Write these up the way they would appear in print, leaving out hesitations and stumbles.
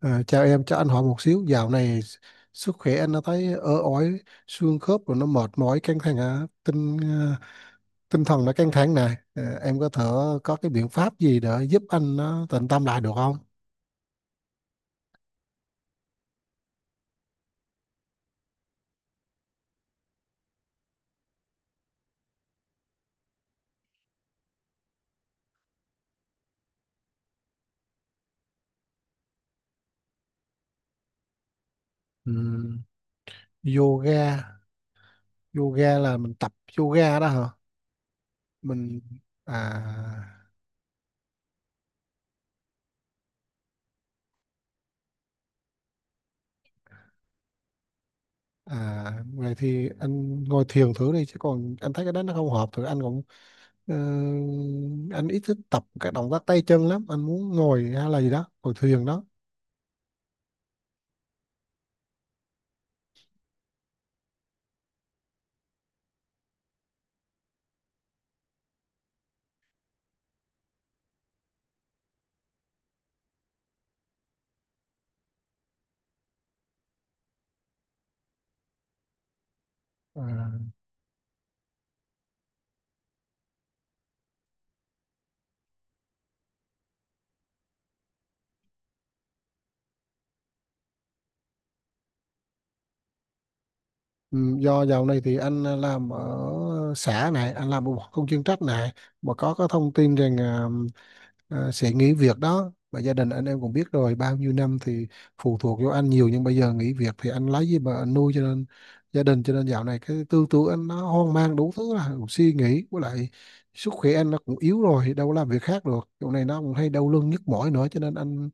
À, chào em, cho anh hỏi một xíu, dạo này sức khỏe anh nó thấy ớ ói, xương khớp rồi nó mệt mỏi, căng thẳng, tinh thần nó căng thẳng này. À, em có thể có cái biện pháp gì để giúp anh nó tịnh tâm lại được không? Ừm, yoga, yoga là mình tập yoga đó hả? Mình à. À, vậy thì anh ngồi thiền thử đi chứ còn anh thấy cái đó nó không hợp thì anh cũng ờ, anh ít thích tập các động tác tay chân lắm, anh muốn ngồi hay là gì đó, ngồi thiền đó. À, ừ, do dạo này thì anh làm ở xã này, anh làm một công chuyên trách này, mà có thông tin rằng sẽ nghỉ việc đó. Và gia đình anh em cũng biết rồi, bao nhiêu năm thì phụ thuộc vô anh nhiều nhưng bây giờ nghỉ việc thì anh lấy gì mà anh nuôi cho nên gia đình, cho nên dạo này cái tư tưởng anh nó hoang mang đủ thứ, là cũng suy nghĩ với lại sức khỏe anh nó cũng yếu rồi, đâu có làm việc khác được. Chỗ này nó cũng hay đau lưng nhức mỏi nữa cho nên anh,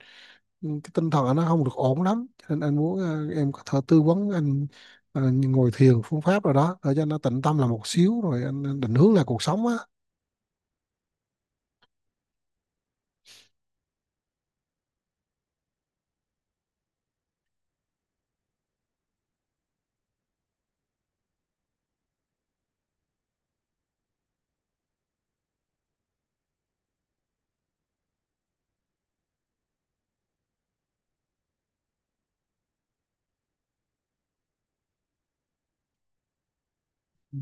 ừ, cái tinh thần nó không được ổn lắm cho nên anh muốn em có thể tư vấn anh ngồi thiền phương pháp rồi đó để cho nó tịnh tâm là một xíu rồi anh định hướng lại cuộc sống á. Ừ.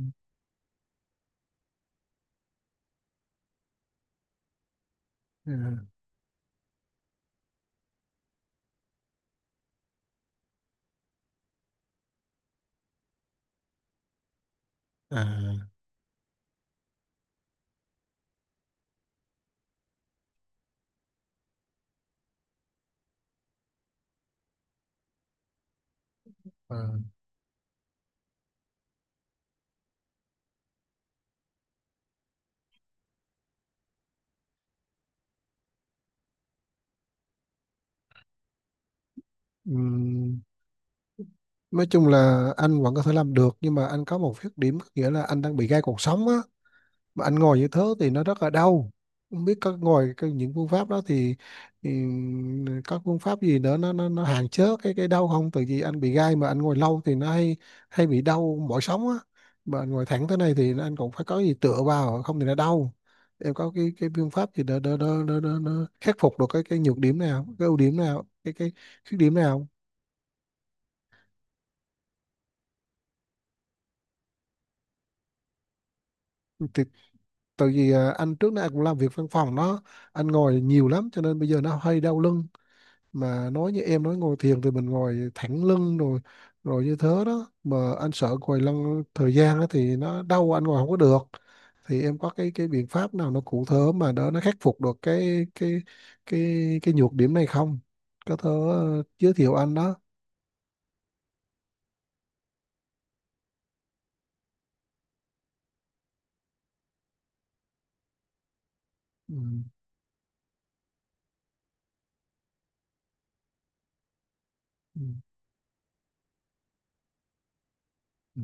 À, à, à. Ừm, nói chung là anh vẫn có thể làm được nhưng mà anh có một khuyết điểm, có nghĩa là anh đang bị gai cuộc sống á, mà anh ngồi như thế thì nó rất là đau. Không biết có ngồi cái, những phương pháp đó thì các phương pháp gì nữa nó hạn chế cái đau không, tại vì anh bị gai mà anh ngồi lâu thì nó hay hay bị đau mỏi sống á, mà anh ngồi thẳng thế này thì anh cũng phải có gì tựa vào không thì nó đau. Em có cái phương pháp gì đó khắc phục được cái nhược điểm nào, cái ưu điểm nào, cái khuyết điểm nào, thì tại vì à, anh trước đây anh cũng làm việc văn phòng đó, anh ngồi nhiều lắm cho nên bây giờ nó hơi đau lưng, mà nói như em nói ngồi thiền thì mình ngồi thẳng lưng rồi, rồi như thế đó mà anh sợ ngồi lăn thời gian đó thì nó đau, anh ngồi không có được. Thì em có cái biện pháp nào nó cụ thể mà đỡ nó khắc phục được cái cái nhược điểm này không, có thể giới thiệu anh đó. Ừ. Ừ. Ừ.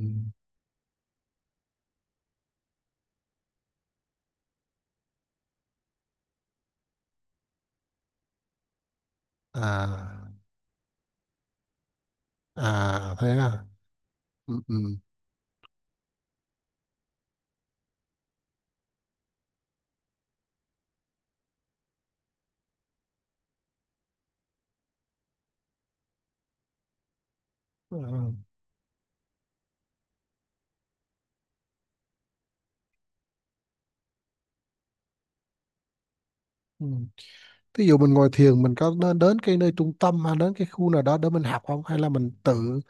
À, à thế à. Ừ. Ừ. À. Ừ. Thí dụ mình ngồi thiền mình có nên đến cái nơi trung tâm hay đến cái khu nào đó để mình học không, hay là mình tự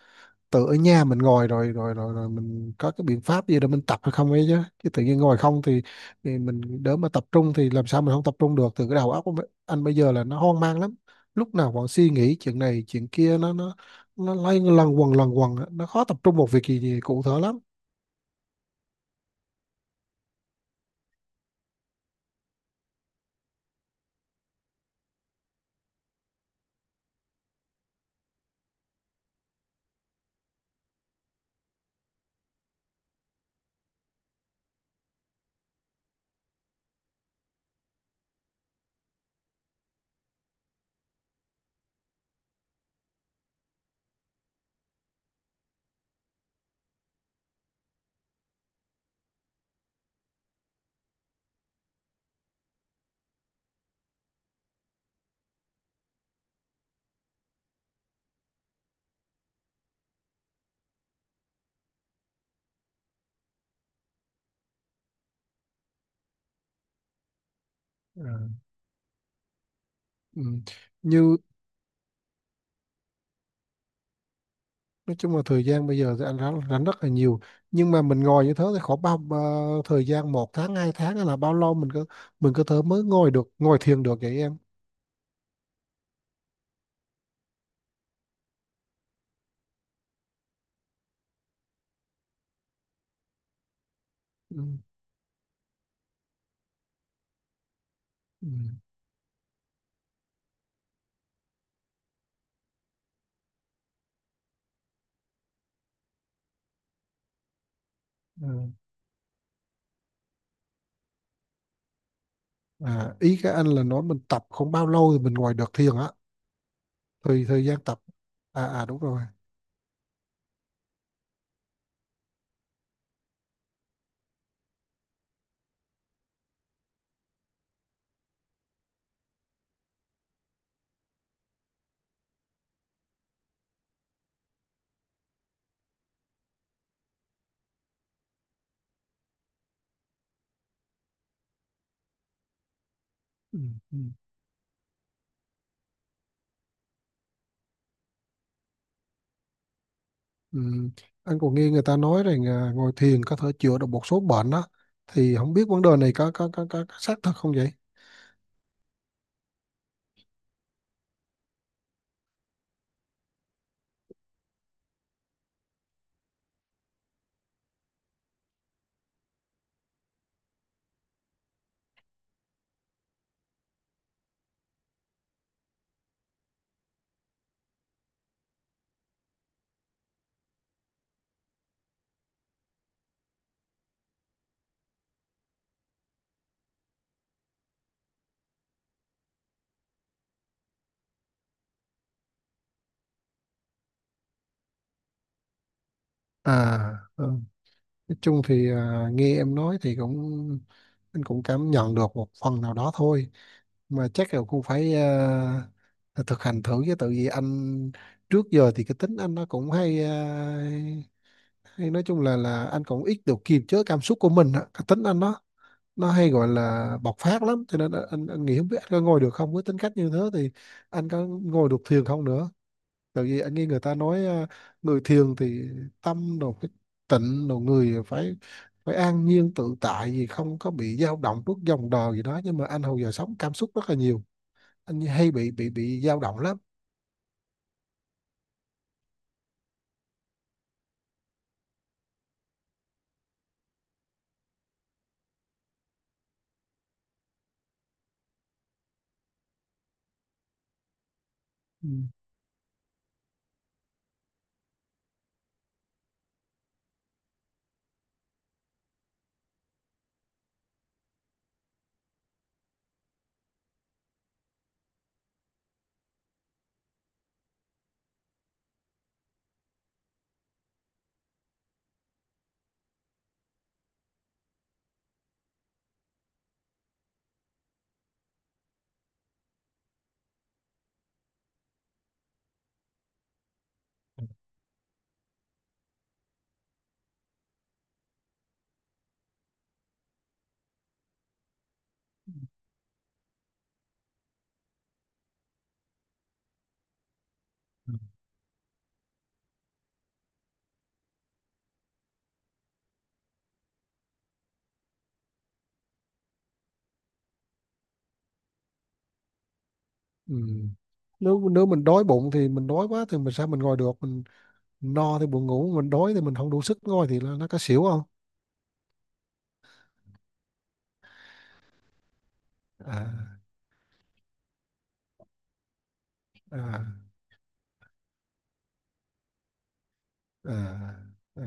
tự ở nhà mình ngồi rồi rồi mình có cái biện pháp gì để mình tập hay không ấy, chứ chứ tự nhiên ngồi không thì, thì mình đỡ mà tập trung, thì làm sao mình không tập trung được, từ cái đầu óc của anh bây giờ là nó hoang mang lắm, lúc nào còn suy nghĩ chuyện này chuyện kia, nó lay lần quần á. Nó khó tập trung một việc gì, gì cụ thể lắm. Ừ. Ừ. Như nói chung là thời gian bây giờ thì anh rảnh, rảnh rất là nhiều, nhưng mà mình ngồi như thế thì khoảng bao bao- thời gian một tháng hai tháng hay là bao lâu mình có, mình có thể mới ngồi được, ngồi thiền được vậy em? Ừ. Ừ. Ừ. À, ý các anh là nói mình tập không bao lâu thì mình ngồi được thiền á, thời thời gian tập, à à đúng rồi. Ừ. Ừ. Ừ. Anh còn nghe người ta nói rằng à, ngồi thiền có thể chữa được một số bệnh đó, thì không biết vấn đề này có xác thật không vậy? À, ừ, nói chung thì à, nghe em nói thì cũng, anh cũng cảm nhận được một phần nào đó thôi, mà chắc là cũng phải à, thực hành thử, chứ tự vì anh trước giờ thì cái tính anh nó cũng hay à, hay nói chung là anh cũng ít được kiềm chế cảm xúc của mình á. Cái tính anh nó hay gọi là bộc phát lắm, cho nên anh nghĩ không biết anh có ngồi được không, với tính cách như thế thì anh có ngồi được thiền không nữa, tại vì anh nghe người ta nói à, người thiền thì tâm đồ cái tịnh đồ người phải, phải an nhiên tự tại gì không có bị dao động trước dòng đời gì đó, nhưng mà anh hồi giờ sống cảm xúc rất là nhiều, anh hay bị dao động lắm. Ừ. Ừ. Nếu nếu mình đói bụng thì mình đói quá thì mình sao mình ngồi được, mình no thì buồn ngủ, mình đói thì mình không đủ sức ngồi thì là nó có xỉu không? À à à à,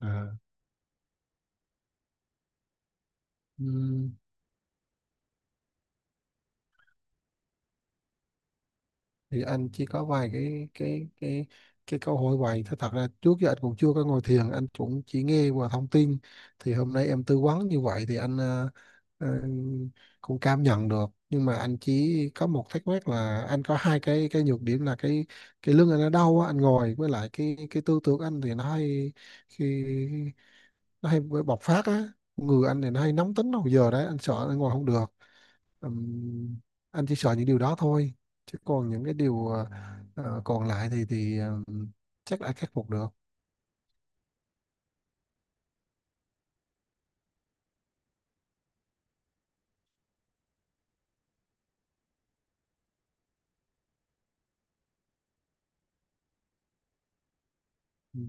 à. Ừm, thì anh chỉ có vài cái cái câu hỏi vậy thôi, thật ra trước giờ anh cũng chưa có ngồi thiền, anh cũng chỉ nghe qua thông tin, thì hôm nay em tư vấn như vậy thì anh ờ, cũng cảm nhận được, nhưng mà anh chỉ có một thắc mắc là anh có hai cái nhược điểm, là cái lưng anh nó đau á, anh ngồi với lại cái tư tưởng anh thì nó hay, khi nó hay bị bộc phát á, người anh này nó hay nóng tính hồi giờ đấy, anh sợ anh ngồi không được. Ừm, anh chỉ sợ những điều đó thôi, chứ còn những cái điều còn lại thì chắc đã khắc phục được. Ừ.